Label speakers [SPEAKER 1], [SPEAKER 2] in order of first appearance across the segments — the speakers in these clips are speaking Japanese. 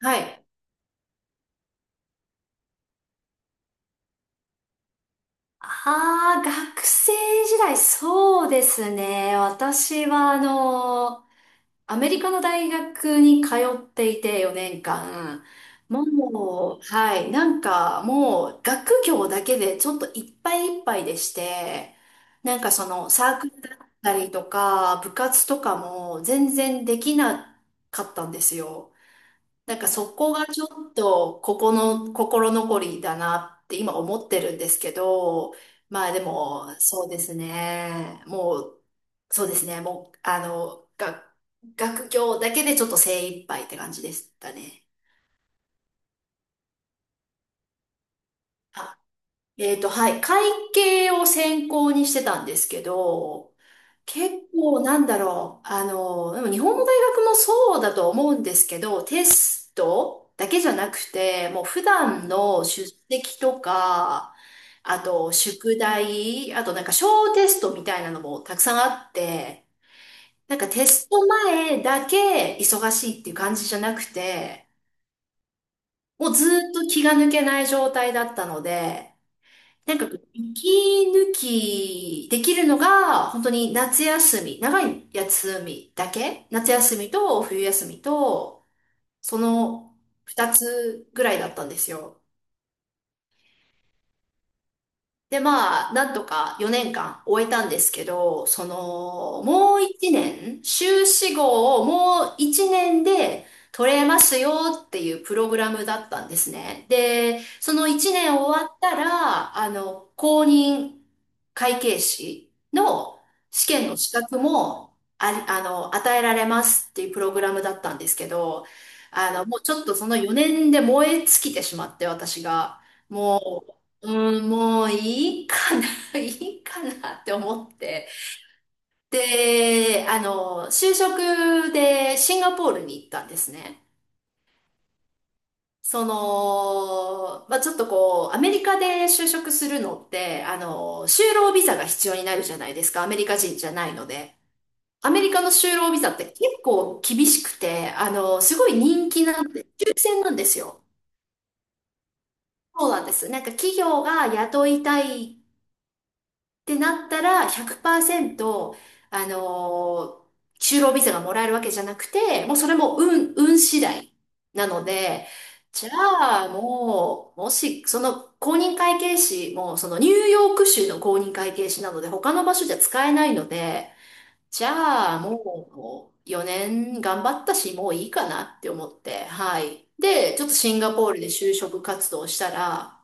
[SPEAKER 1] はい。ああ、学生時代、そうですね。私は、アメリカの大学に通っていて4年間。もう、はい、なんかもう学業だけでちょっといっぱいいっぱいでして、なんかそのサークルだったりとか部活とかも全然できなかったんですよ。なんかそこがちょっとここの心残りだなって今思ってるんですけど、まあでもそうですね。もう、そうですね。もう、学業だけでちょっと精一杯って感じでしたね。あ、はい。会計を専攻にしてたんですけど、結構なんだろう。でも日本の大学もそうだと思うんですけど、テストだけじゃなくて、もう普段の出席とか、あと宿題、あとなんか小テストみたいなのもたくさんあって、なんかテスト前だけ忙しいっていう感じじゃなくて、もうずっと気が抜けない状態だったので、なんか、息抜きできるのが、本当に夏休み、長い休みだけ夏休みと冬休みと、その二つぐらいだったんですよ。で、まあ、なんとか4年間終えたんですけど、その、もう1年、修士号をもう1年で取れますよっていうプログラムだったんですね。で、その1年終わったら、公認会計士の試験の資格も、あ、与えられますっていうプログラムだったんですけど、もうちょっとその4年で燃え尽きてしまって、私が。もう、うん、もういいかな、いいかなって思って。で、就職でシンガポールに行ったんですね。その、まあ、ちょっとこう、アメリカで就職するのって、就労ビザが必要になるじゃないですか。アメリカ人じゃないので。アメリカの就労ビザって結構厳しくて、すごい人気なんで、抽選なんですよ。そうなんです。なんか企業が雇いたいってなったら100%、あのー就労ビザがもらえるわけじゃなくて、もうそれも運次第なので、じゃあもう、もし、その公認会計士も、そのニューヨーク州の公認会計士なので、他の場所じゃ使えないので、じゃあもう4年頑張ったし、もういいかなって思って、はい。で、ちょっとシンガポールで就職活動したら、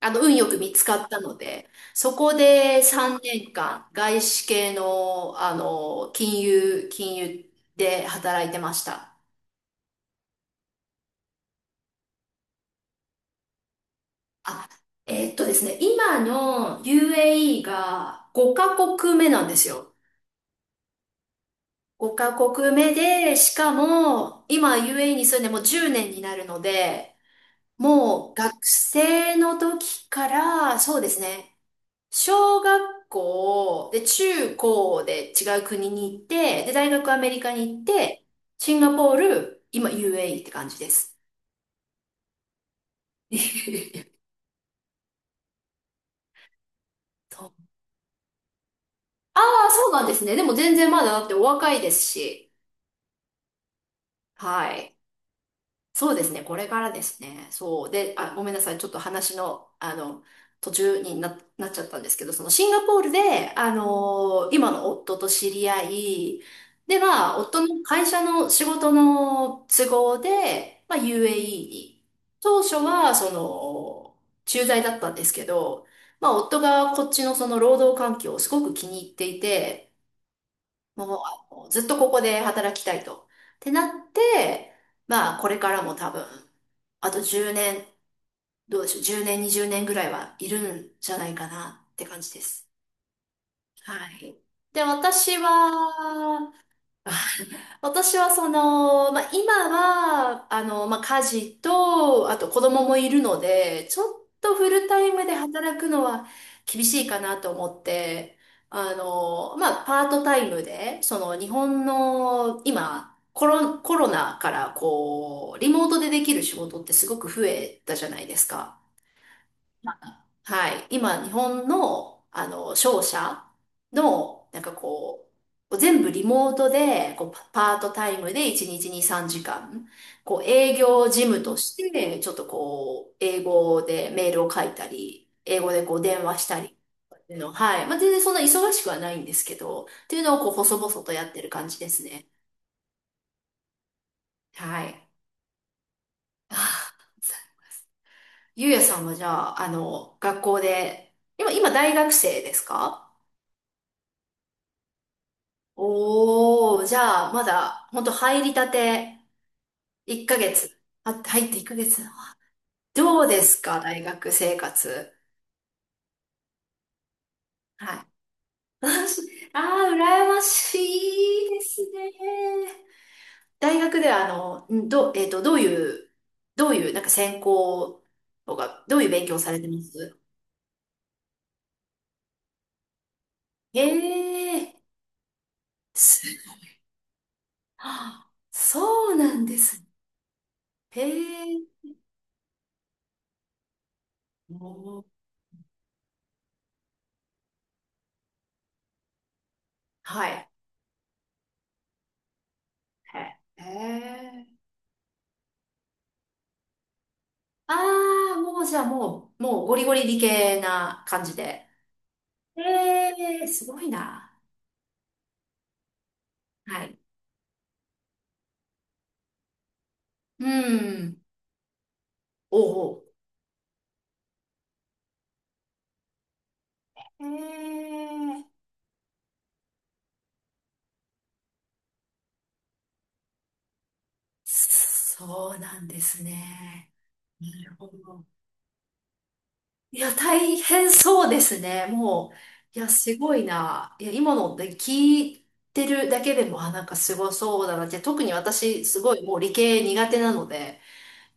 [SPEAKER 1] 運よく見つかったので、そこで3年間、外資系の、金融で働いてました。あ、ですね、今の UAE が5カ国目なんですよ。5カ国目で、しかも、今 UAE に住んでもう10年になるので、もう学生の時から、そうですね、小学校、で、中高で違う国に行って、で、大学アメリカに行って、シンガポール、今 UAE って感じです。そう、ああ、そうなんですね。でも全然まだだってお若いですし。はい。そうですね、これからですね。そう。で、あ、ごめんなさい、ちょっと話の、途中になっちゃったんですけど、そのシンガポールで、今の夫と知り合い、では、夫の会社の仕事の都合で、まあ、UAE に。当初は、駐在だったんですけど、まあ、夫がこっちのその労働環境をすごく気に入っていて、もうずっとここで働きたいと。ってなって、まあこれからも多分、あと10年、どうでしょう、10年、20年ぐらいはいるんじゃないかなって感じです。はい。で、私は、私はその、まあ、今は、まあ、家事と、あと子供もいるので、ちょっとフルタイムで働くのは厳しいかなと思って、まあ、パートタイムで、その日本の今、コロナからこう、リモートでできる仕事ってすごく増えたじゃないですか。はい。今、日本の、商社の、なんかこう、全部リモートで、こう、パパートタイムで1日に3時間、こう、営業事務として、ちょっとこう、英語でメールを書いたり、英語でこう、電話したりっていうの、はい。まあ、全然そんな忙しくはないんですけど、っていうのをこう、細々とやってる感じですね。はい。あーゆうやさんはじゃあ、学校で、今大学生ですか？おー、じゃあ、まだ、ほんと入りたて、1ヶ月。あ、入って1ヶ月。どうですか、大学生活。はい。私、あ羨ましいですね。大学では、あの、んど、えっと、どういう、どういう、なんか専攻とか、どういう勉強されてますへえ、す、はあ、そうなんです。へえ、おー、はい。へえ。へー、ああ、もうじゃあもう、もうゴリゴリ理系な感じで。ええ、すごいな。はい。うん。おうおう。へえ。そうなんですね。なるほど。いや、大変そうですね。もう、いや、すごいな。いや、今のって聞いてるだけでも、あ、なんかすごそうだなって、特に私、すごいもう理系苦手なので、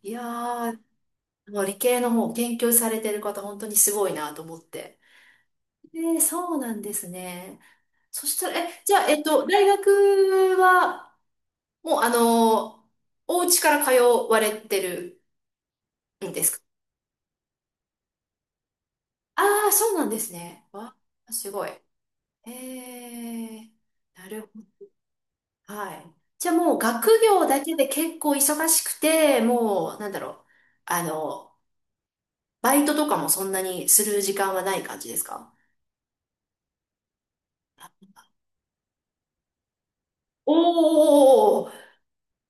[SPEAKER 1] いやー、もう理系の方、研究されてる方、本当にすごいなと思って。えー、そうなんですね。そしたら、え、じゃあ、大学は、もう、お家から通われてるんですか？あ、あー、そうなんですね。わ、すごい。えー、なるほど。はい。じゃあ、もう、学業だけで結構忙しくて、もう、なんだろう。あの、バイトとかもそんなにする時間はない感じですか？おー、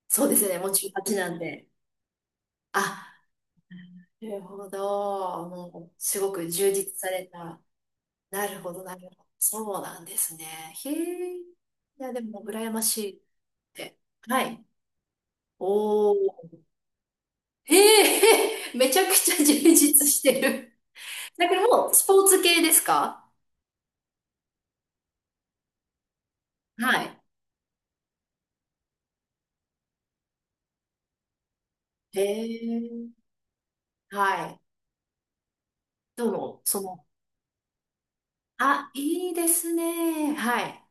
[SPEAKER 1] そうですね。もう1ちなんで。あ、なるほど。もう、すごく充実された。なるほど、なるほど。そうなんですね。へえ。いや、でも、羨ましいって。はい。おお。へえ、めちゃくちゃ充実してる。だからもう、スポーツ系ですか？はい。へえ。はい。どうも、その、あ、いいですね。はい。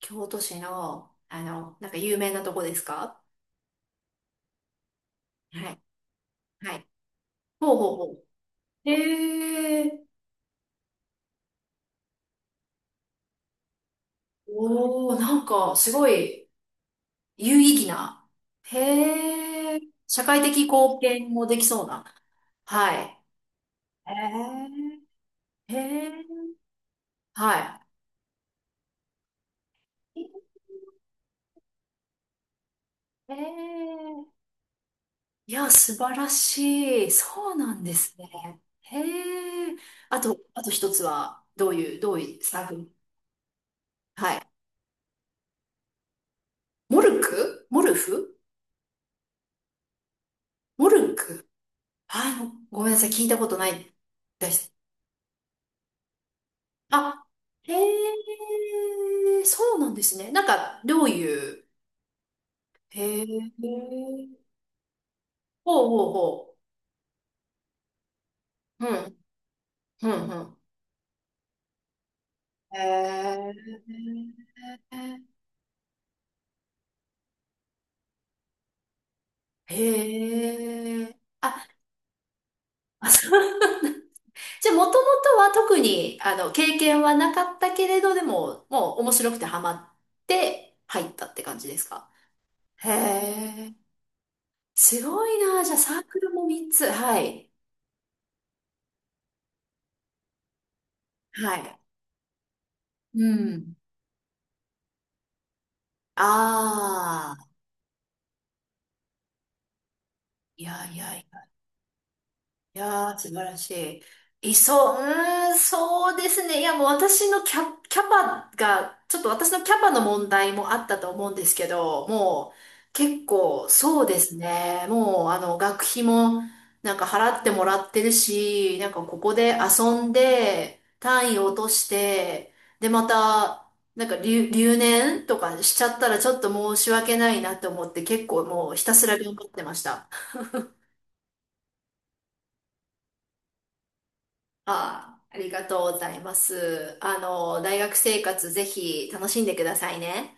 [SPEAKER 1] 京都市の、なんか有名なとこですか？はい。はい。ほうほうほう。へえ。おお、なんか、すごい、有意義な。へえ、社会的貢献もできそうな。はい。へえ、へえ、はい。へえ、いや、素晴らしい。そうなんですね。へえ、あと一つは、どういうサーフィン？はい。モルク、モルフ、モルク、あの、ごめんなさい、聞いたことないです。あ、へえ、そうなんですね。なんか、どういう、へえ、ほうほうほう。うん、うん、うん。へえ、へえ。あ、あ、そう、 じゃあ、もともとは特に、経験はなかったけれど、でも、もう面白くてハマって入ったって感じですか？へえ、すごいな。じゃあ、サークルも3つ。はい。はい。うん。ああ、いやいやいや。いやー、素晴らしい。そう、うーん、そうですね。いや、もう私のキャ、キャパが、ちょっと私のキャパの問題もあったと思うんですけど、もう結構そうですね。もう学費もなんか払ってもらってるし、なんかここで遊んで、単位を落として、で、また、なんか留年とかしちゃったらちょっと申し訳ないなと思って結構もうひたすら頑張ってました。ああ、ありがとうございます。大学生活ぜひ楽しんでくださいね。